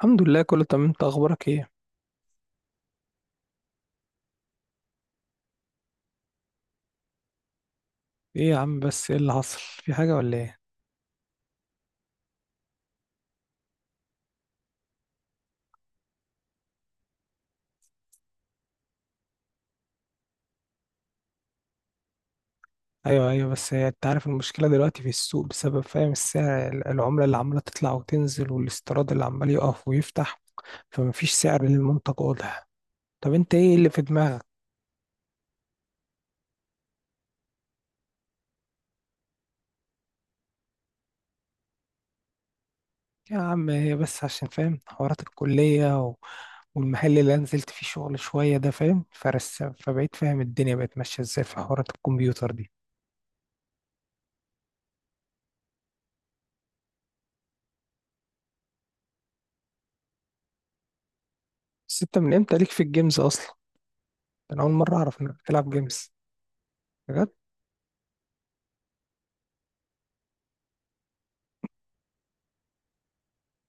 الحمد لله، كله تمام. انت اخبارك ايه؟ ايه يا عم؟ بس ايه اللي حصل؟ في حاجه ولا ايه؟ ايوه، ايوه، بس هي انت عارف المشكله دلوقتي في السوق بسبب فاهم السعر العمله اللي عماله تطلع وتنزل والاستيراد اللي عمال يقف ويفتح، فمفيش سعر للمنتج واضح. طب انت ايه اللي في دماغك؟ يا عم، هي بس عشان فاهم حوارات الكليه والمحل اللي أنا نزلت فيه شغل شويه ده، فاهم فرس، فبقيت فاهم الدنيا بقت ماشيه ازاي في حوارات الكمبيوتر دي. بس انت من امتى ليك في الجيمز اصلا؟ انا اول مره اعرف انك بتلعب جيمز. بجد.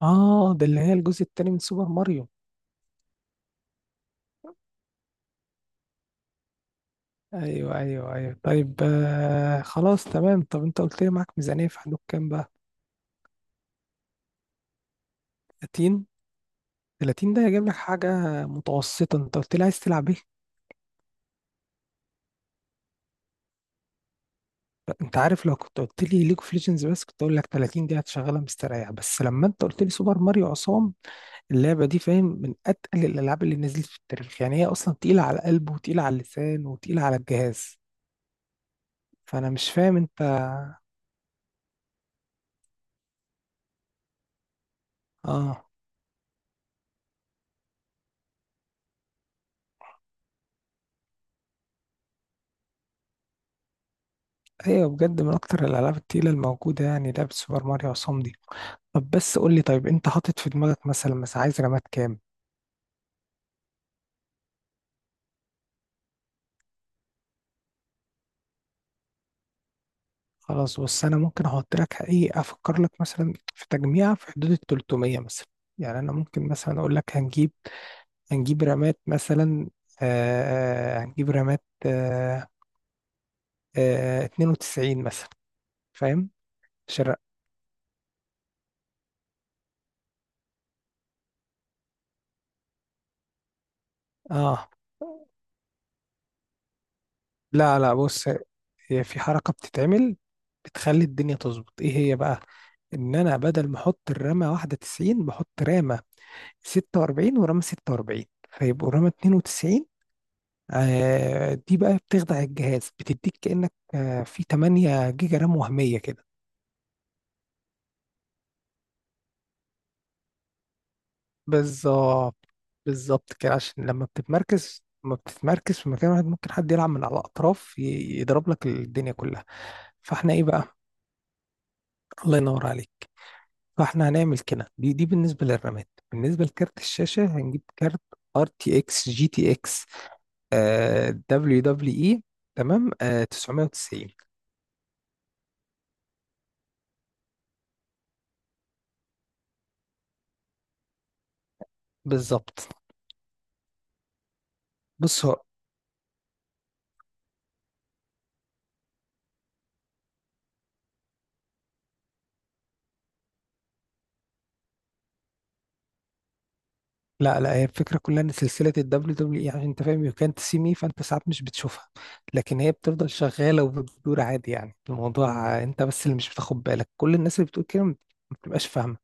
اه، ده اللي هي الجزء التاني من سوبر ماريو. ايوه، ايوه، ايوه، طيب، خلاص تمام. طب انت قلت لي معاك ميزانية في حدود كام بقى؟ 30. 30 ده هيجيب لك حاجة متوسطة. انت قلت لي عايز تلعب ايه؟ انت عارف، لو كنت قلت لي ليج اوف ليجندز بس كنت اقول لك 30 دي هتشغلها مستريح. بس لما انت قلت لي سوبر ماريو عصام، اللعبة دي فاهم من اتقل الالعاب اللي نزلت في التاريخ. يعني هي اصلا تقيلة على القلب وتقيلة على اللسان وتقيلة على الجهاز. فانا مش فاهم انت. اه، ايوه بجد، من اكتر الالعاب التقيله الموجوده يعني لعبه سوبر ماريو عصام دي. طب بس قول لي، طيب انت حاطط في دماغك مثلا، بس عايز رامات كام؟ خلاص، بص، انا ممكن احط لك ايه، افكر لك مثلا في تجميع في حدود ال 300 مثلا. يعني انا ممكن مثلا اقول لك هنجيب، هنجيب رامات مثلا. هنجيب رامات، 92 مثلا، فاهم؟ شر. اه، لا، لا، بص، هي في حركة بتتعمل بتخلي الدنيا تظبط. ايه هي بقى؟ ان انا بدل ما احط الرامة واحدة 90، بحط رامة 46 ورامة 46، فيبقوا رامة 92. آه دي بقى بتخدع الجهاز، بتديك كأنك في 8 جيجا رام وهمية كده. بالظبط، بالظبط كده، عشان لما بتتمركز، لما بتتمركز في مكان واحد، ممكن حد يلعب من على الأطراف يضرب لك الدنيا كلها. فاحنا ايه بقى؟ الله ينور عليك. فاحنا هنعمل كده دي دي بالنسبه للرامات. بالنسبه لكارت الشاشه هنجيب كارت ار تي اكس جي تي اكس دبليو دبليو اي، تمام؟ 990. بالظبط. بص هو، لا لا، هي الفكره كلها ان سلسله الدبليو دبليو اي، عشان انت فاهم، يو كانت سي مي، فانت ساعات مش بتشوفها، لكن هي بتفضل شغاله وبتدور عادي. يعني الموضوع، انت بس اللي مش بتاخد بالك. كل الناس اللي بتقول كده ما بتبقاش فاهمه.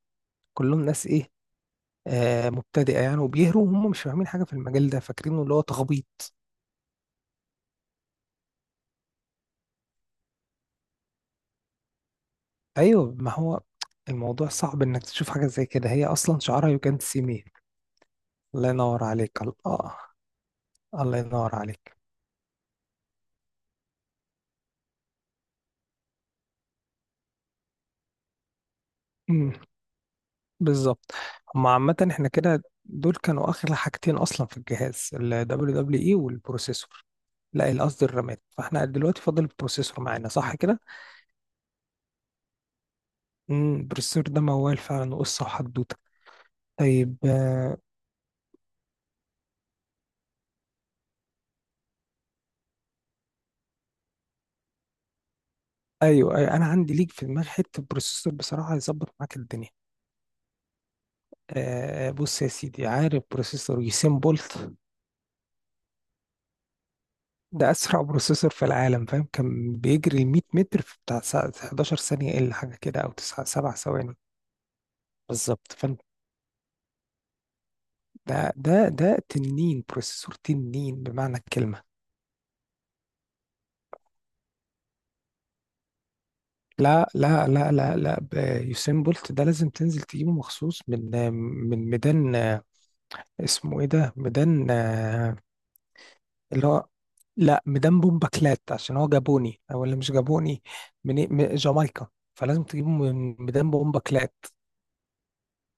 كلهم ناس ايه، مبتدئه يعني، وبيهروا وهم مش فاهمين حاجه في المجال ده، فاكرينه اللي هو تخبيط. ايوه، ما هو الموضوع صعب انك تشوف حاجه زي كده. هي اصلا شعارها you can't see me. الله ينور عليك، الله، الله ينور عليك. امم بالظبط. هما عامه احنا كده، دول كانوا اغلى حاجتين اصلا في الجهاز، ال WWE والبروسيسور. لا، قصدي الرامات. فاحنا دلوقتي فاضل البروسيسور معانا، صح كده؟ البروسيسور ده موال فعلا، وقصه، وحدوته. طيب، ايوه، أيوة، انا عندي ليك في دماغي حته بروسيسور بصراحه هيظبط معاك الدنيا. بص يا سيدي، عارف بروسيسور يوسين بولت؟ ده اسرع بروسيسور في العالم، فاهم. كان بيجري ال 100 متر في بتاع 11 ثانيه الا حاجه كده، او 9 7 ثواني. بالظبط. فانت، ده تنين بروسيسور، تنين بمعنى الكلمه. لا، لا، لا، لا، لا، يوسين بولت ده لازم تنزل تجيبه مخصوص من من ميدان، اسمه ايه ده، ميدان، اللي هو، لا مدمبهم باكلات، عشان هو جابوني او اللي مش جابوني من إيه؟ من جامايكا. فلازم تجيبه من ميدان باكلات.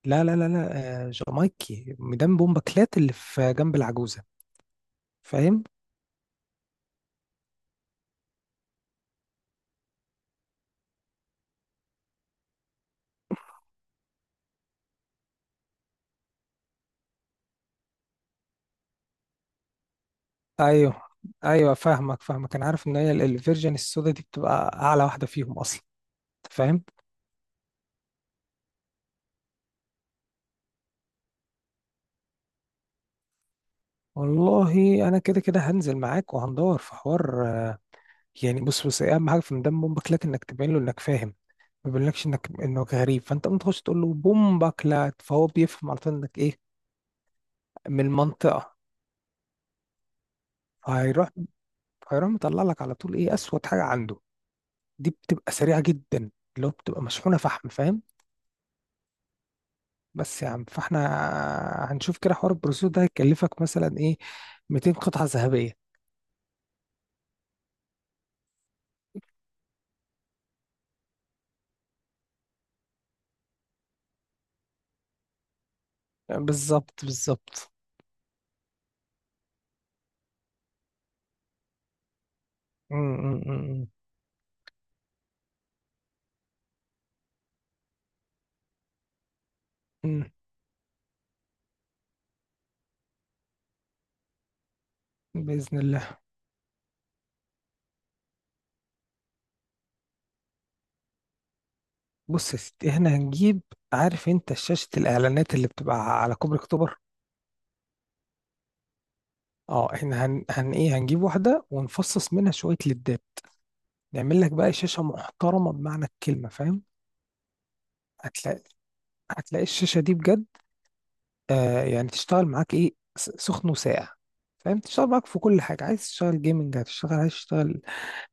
لا، لا، لا، لا، جامايكي، ميدان باكلات اللي في جنب العجوزة، فاهم؟ ايوه، ايوه، فاهمك فاهمك، انا عارف ان هي الفيرجن السودا دي بتبقى اعلى واحدة فيهم اصلا. أنت فاهم؟ والله انا كده كده هنزل معاك وهندور في حوار، يعني بص، بص إيه اهم حاجة في ميدان باكلات؟ انك تبين له انك فاهم، ما بيقولكش انك، انك غريب. فانت ممكن تخش تقول له بومبا كلات، فهو بيفهم على طول انك ايه، من المنطقه. فهيروح، هيروح مطلع لك على طول ايه اسود حاجه عنده. دي بتبقى سريعه جدا، اللي هو بتبقى مشحونه فحم، فاهم؟ بس يا عم، فاحنا هنشوف كده حوار البروسيسور ده هيكلفك مثلا ايه، 200 قطعه ذهبيه. بالظبط، بالظبط. م- م- م- م- م. باذن الله. بص يا ستي، احنا هنجيب، عارف انت شاشه الاعلانات اللي بتبقى على كوبري اكتوبر؟ اه احنا هن, هن ايه، هنجيب واحدة ونفصص منها شوية ليدات، نعمل لك بقى شاشة محترمة بمعنى الكلمة، فاهم؟ هتلاقي، هتلاقي الشاشة دي بجد يعني تشتغل معاك ايه، سخن وساقع، فاهم. تشتغل معاك في كل حاجة. عايز تشتغل جيمنج هتشتغل، عايز تشتغل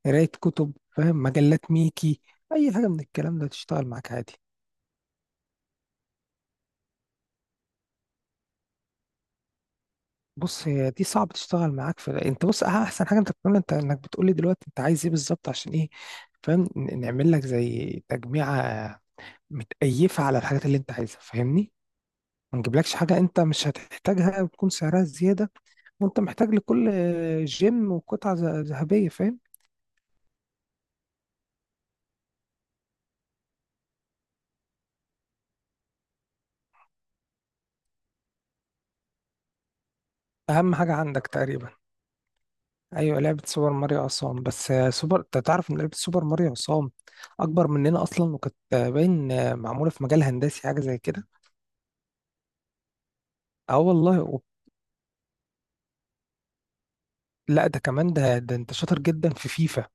قراية كتب، فاهم، مجلات ميكي، أي حاجة من الكلام ده تشتغل معاك عادي. بص هي دي صعب تشتغل معاك في. انت بص، احسن حاجة انت بتعملها انت انك بتقولي دلوقتي انت عايز ايه بالظبط عشان ايه، فاهم، نعمل لك زي تجميعة متأيفة على الحاجات اللي انت عايزها، فاهمني؟ ما نجيبلكش حاجة انت مش هتحتاجها وتكون سعرها زيادة وانت محتاج لكل جيم وقطعة ذهبية، فاهم. اهم حاجة عندك تقريبا. ايوه، لعبة سوبر ماريو عصام. بس سوبر، انت تعرف ان لعبة سوبر ماريو عصام اكبر مننا اصلا، وكانت باين معمولة في مجال هندسي حاجة زي كده. اه والله لا، ده كمان، ده ده انت شاطر جدا في فيفا،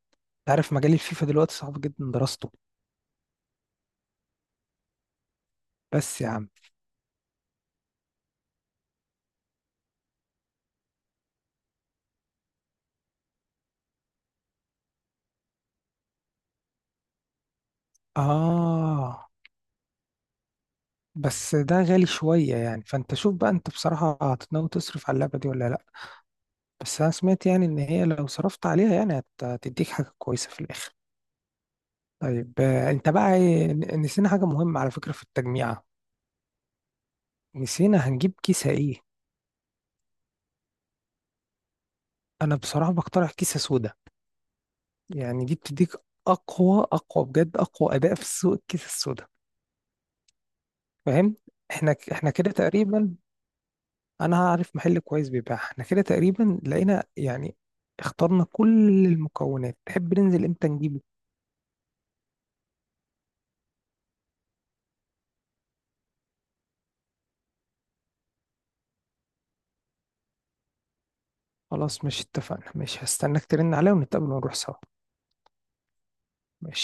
تعرف مجال الفيفا دلوقتي صعب جدا دراسته. بس يا عم، اه. بس ده غالي شوية يعني. فانت شوف بقى، انت بصراحة هتناوي تصرف على اللعبة دي ولا لا؟ بس انا سمعت يعني ان هي لو صرفت عليها يعني هتديك حاجة كويسة في الاخر. طيب، انت بقى نسينا حاجة مهمة على فكرة في التجميعة. نسينا هنجيب كيسة ايه. انا بصراحة بقترح كيسة سودا. يعني دي بتديك اقوى، اقوى بجد، اقوى اداء في السوق، الكيسة السودا، فاهم؟ احنا كده تقريبا، انا عارف محل كويس بيبيع. احنا كده تقريبا لقينا يعني، اخترنا كل المكونات. تحب ننزل امتى نجيبه؟ خلاص، مش اتفقنا؟ مش هستناك ترن عليا ونتقابل ونروح سوا. ماشي.